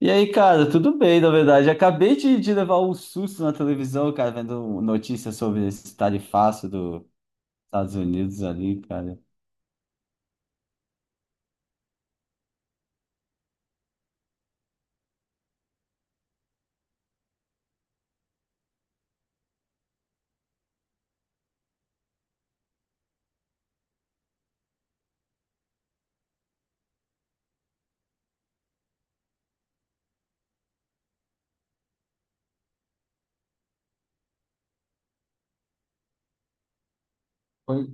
E aí, cara, tudo bem, na verdade. Acabei de levar um susto na televisão, cara, vendo notícias sobre esse tarifaço dos Estados Unidos ali, cara. Pois,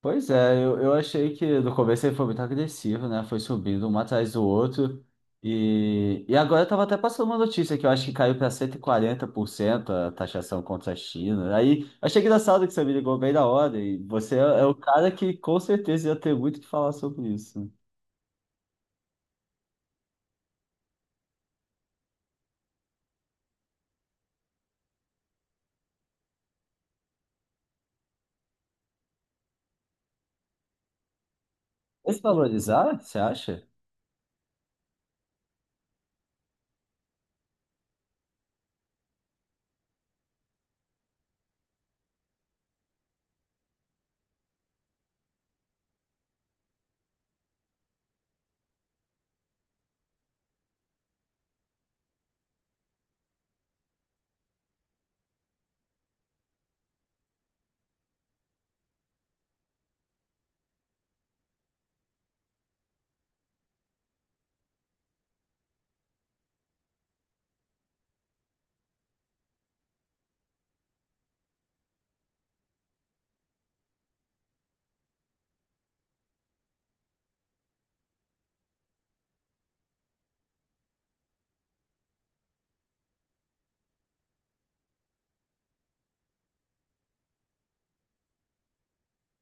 pois é, eu achei que no começo ele foi muito agressivo, né? Foi subindo um atrás do outro. E agora eu tava até passando uma notícia que eu acho que caiu para 140% a taxação contra a China. Aí achei engraçado que você me ligou bem na hora. E você é o cara que com certeza ia ter muito o que falar sobre isso. Desvalorizar, você acha?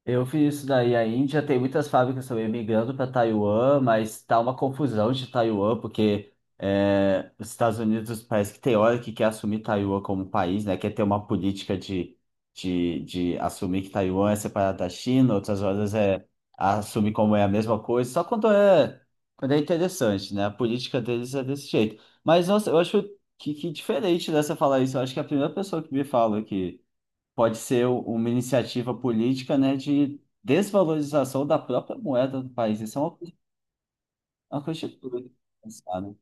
Eu fiz isso daí. A Índia tem muitas fábricas também migrando para Taiwan, mas tá uma confusão de Taiwan, porque é, os Estados Unidos parece que tem hora que quer assumir Taiwan como país, né? Quer ter uma política de assumir que Taiwan é separado da China, outras horas é assumir como é a mesma coisa, só quando é interessante, né? A política deles é desse jeito. Mas, nossa, eu acho que diferente dessa falar isso. Eu acho que é a primeira pessoa que me fala que pode ser uma iniciativa política, né, de desvalorização da própria moeda do país. Isso é uma, é uma coisa de tudo pensar, né?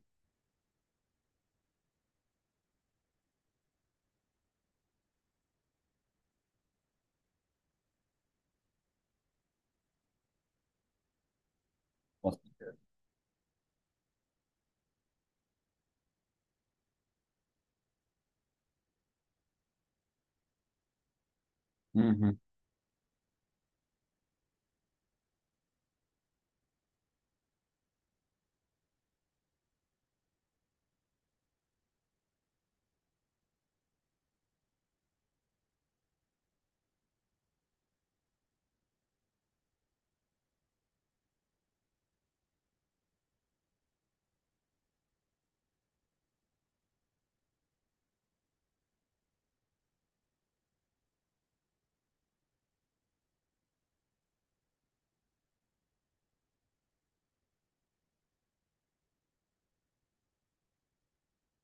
Com certeza. Uhum.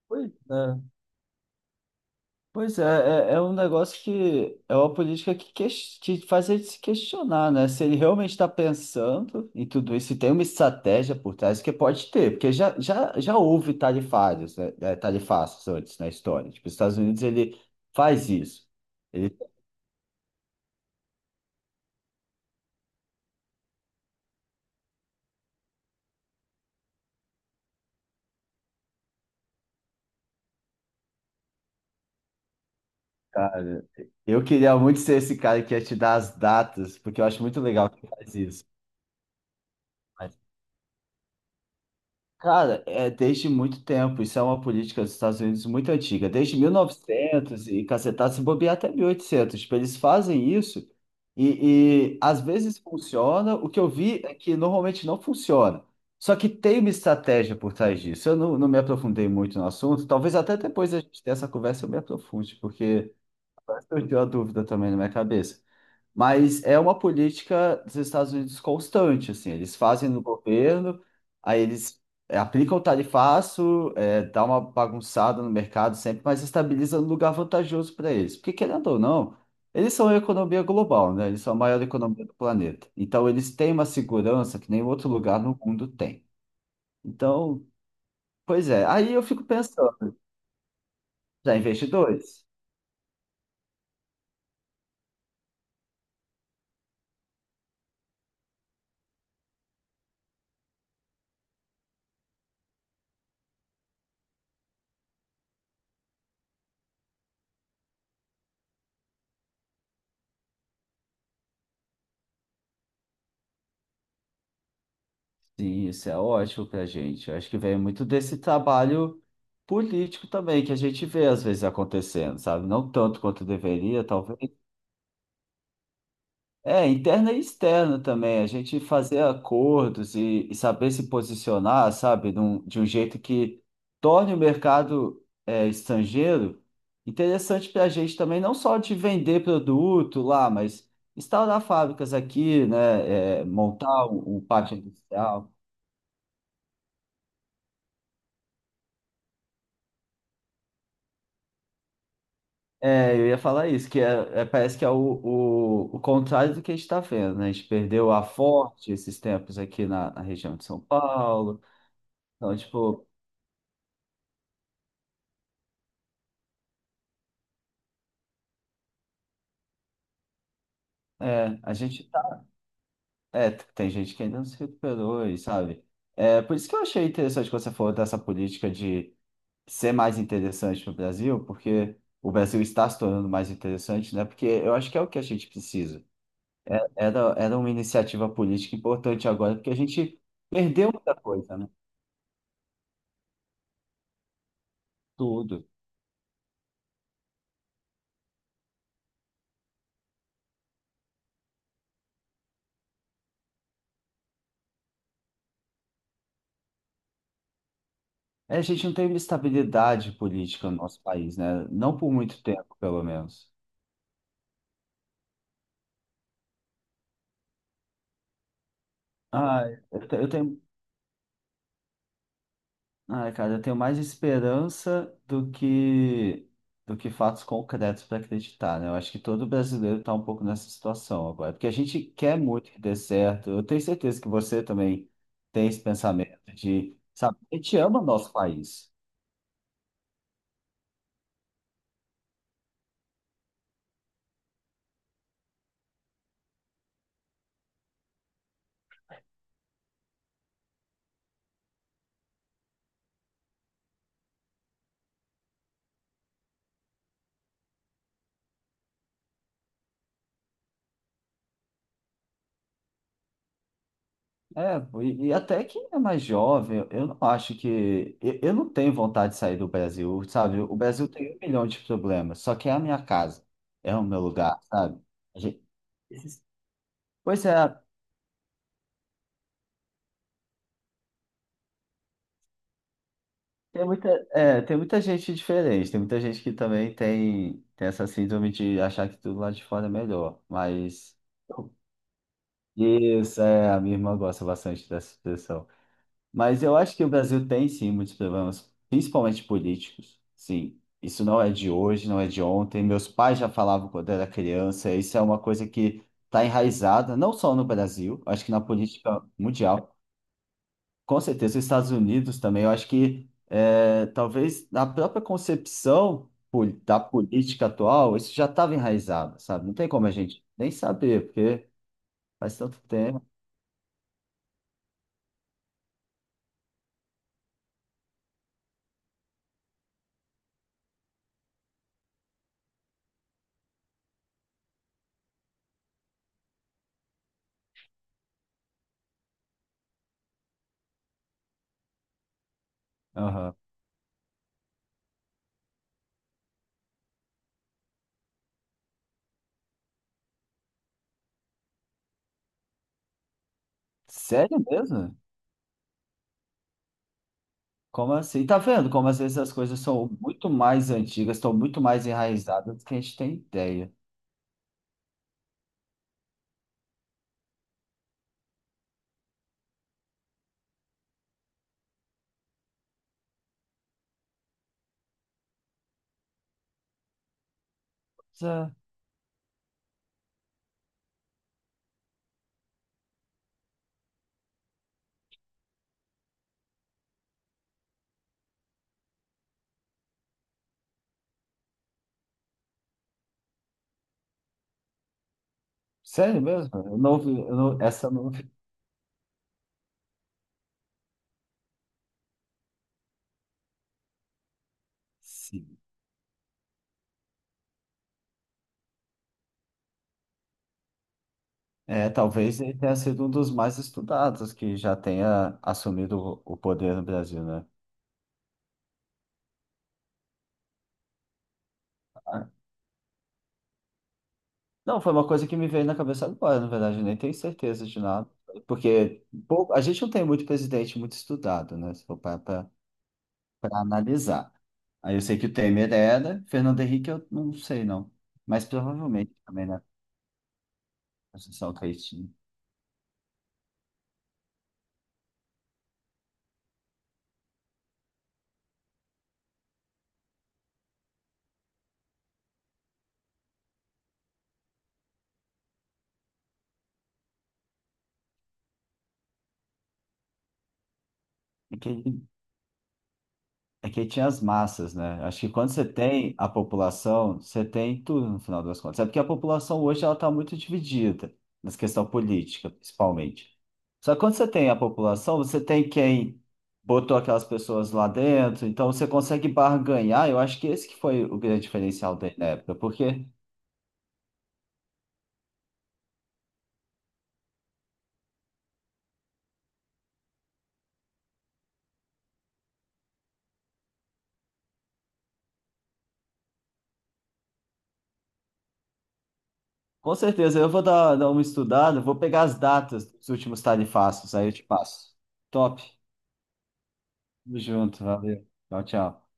Pois é, Pois é, é um negócio que é uma política que que faz a se questionar, né? Se ele realmente está pensando em tudo isso, se tem uma estratégia por trás, que pode ter, porque já houve tarifários, né? Tarifaços antes na história. Tipo, os Estados Unidos ele faz isso. Cara, eu queria muito ser esse cara que ia te dar as datas, porque eu acho muito legal que faz isso. Mas, cara, é desde muito tempo, isso é uma política dos Estados Unidos muito antiga, desde 1900 e cacetado, se bobear até 1800. Tipo, eles fazem isso e às vezes funciona. O que eu vi é que normalmente não funciona. Só que tem uma estratégia por trás disso. Eu não, não me aprofundei muito no assunto, talvez até depois a gente ter essa conversa eu me aprofunde, porque surgiu a dúvida também na minha cabeça. Mas é uma política dos Estados Unidos constante, assim, eles fazem no governo, aí eles aplicam o tarifaço, dá uma bagunçada no mercado sempre, mas estabiliza no lugar vantajoso para eles. Porque, querendo ou não, eles são a economia global, né? Eles são a maior economia do planeta. Então, eles têm uma segurança que nenhum outro lugar no mundo tem. Então, pois é, aí eu fico pensando, já investidores? Sim, isso é ótimo para a gente. Eu acho que vem muito desse trabalho político também que a gente vê às vezes acontecendo, sabe? Não tanto quanto deveria, talvez. É, interna e externa também. A gente fazer acordos e saber se posicionar, sabe? De um jeito que torne o mercado é, estrangeiro interessante para a gente também, não só de vender produto lá, mas instaurar fábricas aqui, né? É, montar um parque industrial. É, eu ia falar isso, que parece que é o contrário do que a gente está vendo, né? A gente perdeu a Forte esses tempos aqui na região de São Paulo. Então, tipo, é, a gente tá, é, tem gente que ainda não se recuperou, e sabe? É, por isso que eu achei interessante quando você falou dessa política de ser mais interessante para o Brasil, porque o Brasil está se tornando mais interessante, né? Porque eu acho que é o que a gente precisa. Era uma iniciativa política importante agora, porque a gente perdeu muita coisa, né? Tudo. É, a gente não teve estabilidade política no nosso país, né? Não por muito tempo, pelo menos. Ah, eu, te- eu tenho, ah, cara, Eu tenho mais esperança do que fatos concretos para acreditar, né? Eu acho que todo brasileiro está um pouco nessa situação agora, porque a gente quer muito que dê certo. Eu tenho certeza que você também tem esse pensamento de, sabe, a gente ama nosso país. É, e até quem é mais jovem, eu não acho que. Eu não tenho vontade de sair do Brasil, sabe? O Brasil tem um milhão de problemas, só que é a minha casa, é o meu lugar, sabe? A gente- esses- Pois é, tem muita gente diferente, tem muita gente que também tem essa síndrome de achar que tudo lá de fora é melhor, mas. Isso, é, a minha irmã gosta bastante dessa expressão. Mas eu acho que o Brasil tem sim muitos problemas, principalmente políticos. Sim, isso não é de hoje, não é de ontem. Meus pais já falavam quando era criança. Isso é uma coisa que está enraizada, não só no Brasil, acho que na política mundial. Com certeza, os Estados Unidos também. Eu acho que é, talvez na própria concepção da política atual, isso já estava enraizado, sabe? Não tem como a gente nem saber, porque faz tanto tempo. Aham. Sério mesmo? Como assim? Tá vendo como às vezes as coisas são muito mais antigas, estão muito mais enraizadas do que a gente tem ideia. Mas, é, Sério mesmo? Eu não, vi- eu não- Essa eu não vi. Sim. É, talvez ele tenha sido um dos mais estudados que já tenha assumido o poder no Brasil, né? Ah, não, foi uma coisa que me veio na cabeça agora, na verdade, eu nem tenho certeza de nada. Porque a gente não tem muito presidente muito estudado, né? Se for parar para analisar. Aí eu sei que o Temer era, Fernando Henrique eu não sei não, mas provavelmente também na Constituição que ele tinha. É que, ele- É que ele tinha as massas, né? Acho que quando você tem a população, você tem tudo no final das contas. É porque a população hoje ela está muito dividida, nessa questão política, principalmente. Só que quando você tem a população, você tem quem botou aquelas pessoas lá dentro, então você consegue barganhar. Eu acho que esse que foi o grande diferencial dele na época, porque com certeza, eu vou dar uma estudada, vou pegar as datas dos últimos tarifácios, aí eu te passo. Top. Tamo junto, valeu. Tchau, tchau.